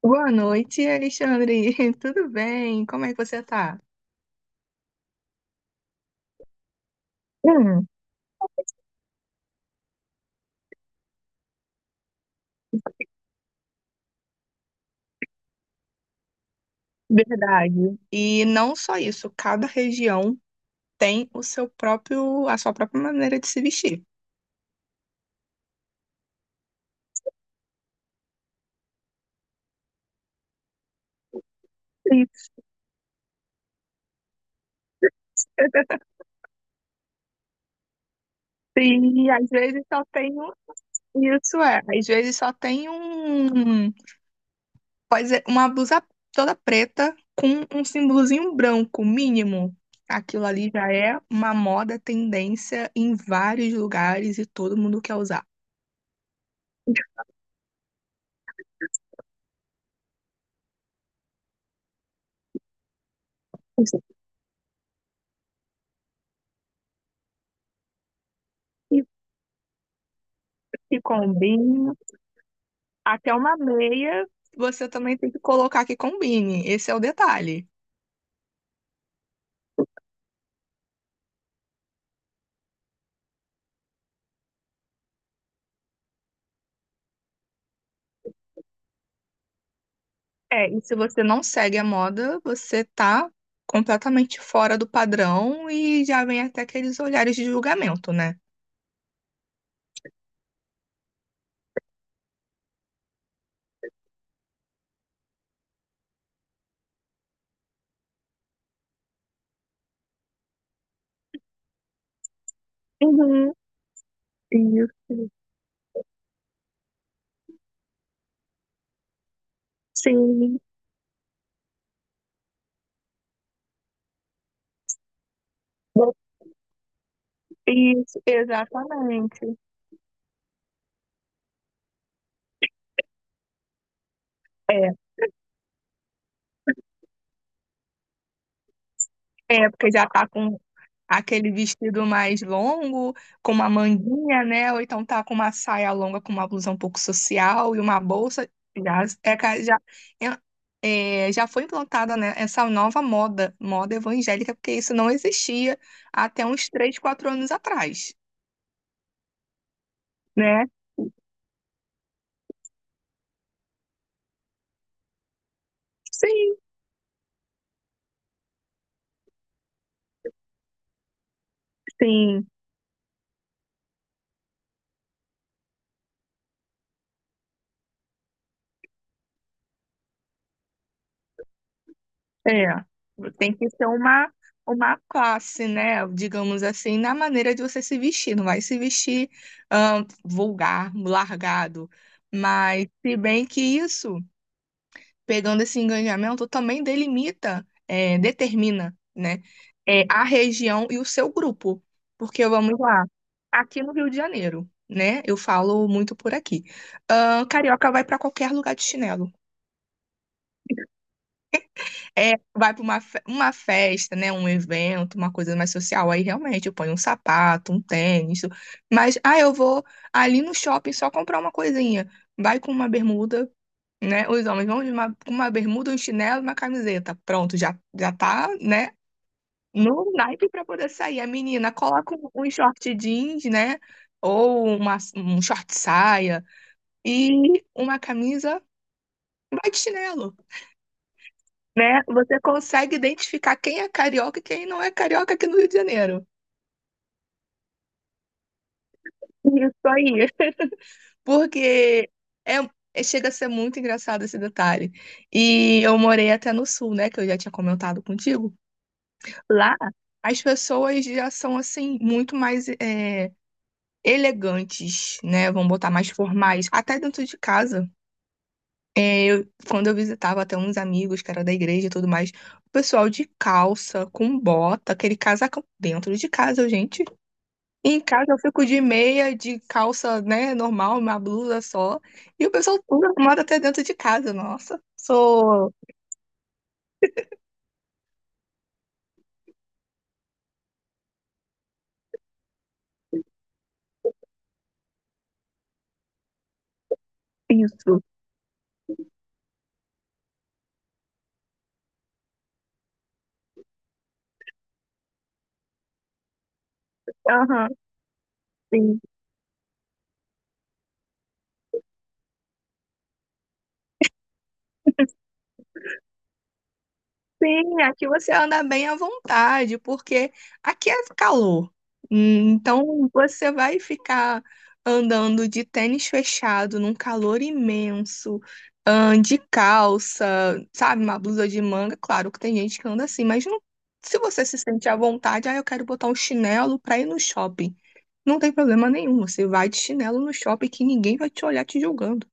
Boa noite, Alexandre. Tudo bem? Como é que você tá? Hum. Verdade. E não só isso, cada região tem o seu próprio, a sua própria maneira de se vestir. Isso. E às vezes só tem um, isso é, às vezes só tem um, pode ser uma blusa toda preta com um símbolozinho branco mínimo. Aquilo ali já é uma moda, tendência em vários lugares e todo mundo quer usar. Que combine. Até uma meia, você também tem que colocar que combine. Esse é o detalhe. É, e se você não segue a moda, você tá completamente fora do padrão e já vem até aqueles olhares de julgamento, né? Uhum, isso. Sim, isso, exatamente. É, é porque já tá com aquele vestido mais longo, com uma manguinha, né? Ou então tá com uma saia longa, com uma blusa um pouco social e uma bolsa. Já, é, ca- já, é, é, Já foi implantada, né, essa nova moda, moda evangélica, porque isso não existia até uns 3, 4 anos atrás, né? Sim, sim. É, tem que ser uma classe, né? Digamos assim, na maneira de você se vestir. Não vai se vestir vulgar, largado. Mas, se bem que isso, pegando esse engajamento, também delimita, é, determina, né? A região e o seu grupo. Porque, vamos lá, aqui no Rio de Janeiro, né? Eu falo muito por aqui. Carioca vai para qualquer lugar de chinelo. É, vai para uma, uma festa, né? Um evento, uma coisa mais social. Aí realmente eu ponho um sapato, um tênis. Mas, ah, eu vou ali no shopping só comprar uma coisinha. Vai com uma bermuda, né? Os homens vão de uma, com uma bermuda, um chinelo e uma camiseta. Pronto, já, já tá, né? No naipe para poder sair. A menina coloca um, um short jeans, né? Ou uma, um short saia e uma camisa. Vai de chinelo. Né? Você consegue identificar quem é carioca e quem não é carioca aqui no Rio de Janeiro. Isso aí. Porque é, chega a ser muito engraçado esse detalhe. E eu morei até no sul, né? Que eu já tinha comentado contigo. Lá, as pessoas já são, assim, muito mais elegantes, né? Vamos botar mais formais. Até dentro de casa. Quando eu visitava até uns amigos que era da igreja e tudo mais, o pessoal de calça, com bota, aquele casacão dentro de casa, gente. Em casa eu fico de meia, de calça, né, normal, uma blusa só. E o pessoal tudo arrumado até dentro de casa, nossa. Sou isso. Aham. Sim, aqui você anda bem à vontade, porque aqui é calor. Hum. Então você vai ficar andando de tênis fechado num calor imenso, de calça, sabe, uma blusa de manga. Claro que tem gente que anda assim, se você se sente à vontade, ah, eu quero botar um chinelo para ir no shopping. Não tem problema nenhum, você vai de chinelo no shopping que ninguém vai te olhar te julgando.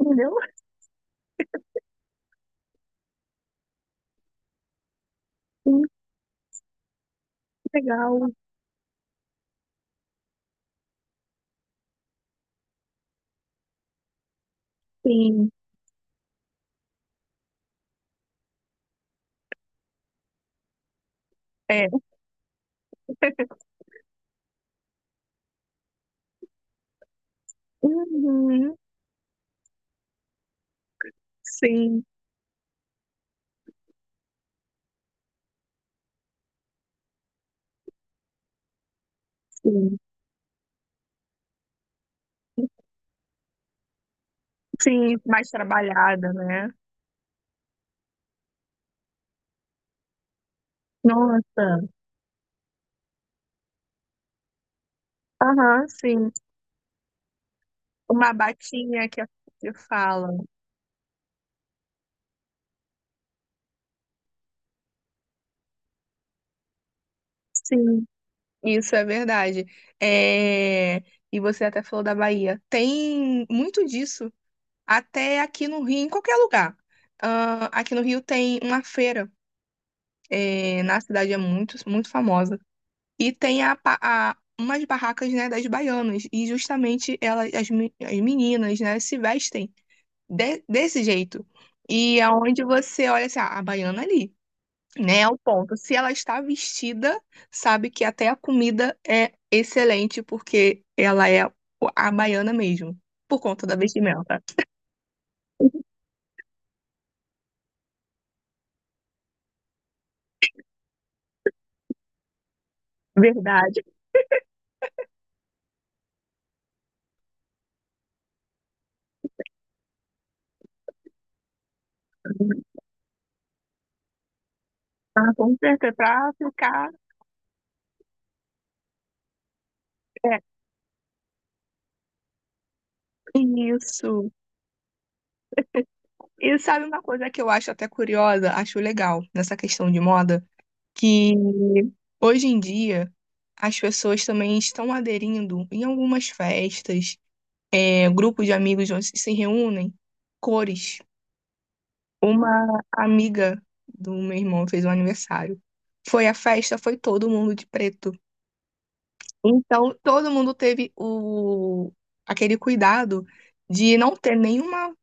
Entendeu? Hum. Legal, sim. É. Uhum. Sim, sim. Sim, mais trabalhada, né. Nossa. Aham, sim. Uma batinha que a que fala. Sim, isso é verdade. é e você até falou da Bahia. Tem muito disso, até aqui no Rio, em qualquer lugar. Ah, aqui no Rio tem uma feira, é na cidade, é muito, muito famosa. E tem a, umas barracas, né, das baianas. E justamente elas, as meninas, né, se vestem desse jeito. E aonde você olha assim, ah, a baiana ali, né? É o ponto. Se ela está vestida, sabe que até a comida é excelente, porque ela é a baiana mesmo, por conta da vestimenta. Verdade. Ah, com certeza, pra ficar. É, isso. E sabe uma coisa que eu acho até curiosa, acho legal nessa questão de moda, que hoje em dia as pessoas também estão aderindo em algumas festas, é, grupo de amigos onde se reúnem, cores. Uma amiga do meu irmão fez um aniversário. Foi a festa, foi todo mundo de preto. Então, todo mundo teve o aquele cuidado de não ter nenhuma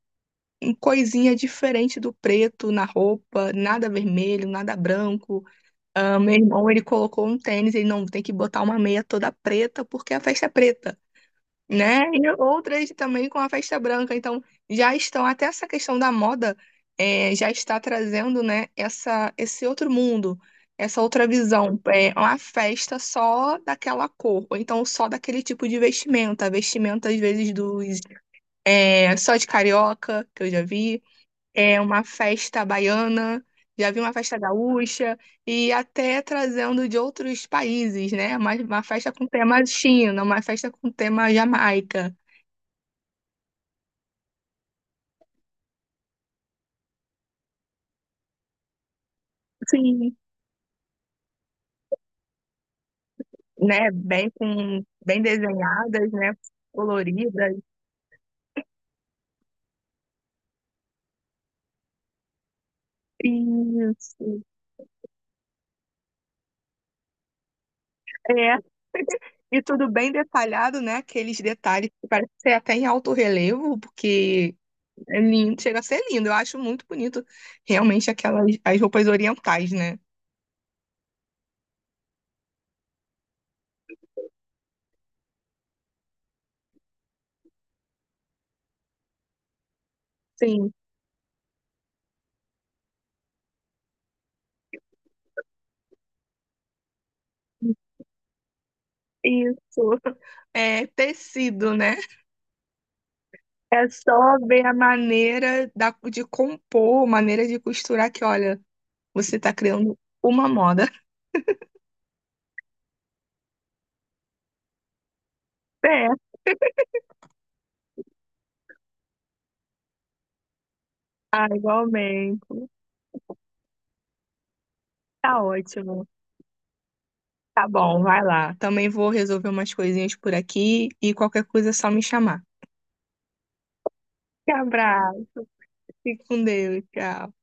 coisinha diferente do preto na roupa, nada vermelho, nada branco. Ah, meu irmão, ele colocou um tênis, ele não tem que botar uma meia toda preta porque a festa é preta. Né? E outras também com a festa branca. Então, já estão, até essa questão da moda, já está trazendo, né, essa, esse outro mundo, essa outra visão. É uma festa só daquela cor, ou então só daquele tipo de vestimenta. Vestimenta, às vezes, dos, é, só de carioca, que eu já vi. É uma festa baiana. Já vi uma festa gaúcha e até trazendo de outros países, né? Uma festa com tema China, uma festa com tema Jamaica. Sim, né? Bem desenhadas, né? Coloridas. Isso. É. E tudo bem detalhado, né? Aqueles detalhes que parece ser até em alto relevo, porque é lindo, chega a ser lindo. Eu acho muito bonito realmente aquelas as roupas orientais, né? Sim, isso. É tecido, né? É só ver a maneira da, de compor, maneira de costurar que, olha, você tá criando uma moda. É. Ah, igualmente. Tá ótimo. Tá bom, vai lá. Também vou resolver umas coisinhas por aqui e qualquer coisa é só me chamar. Um abraço. Fique com Deus. Tchau.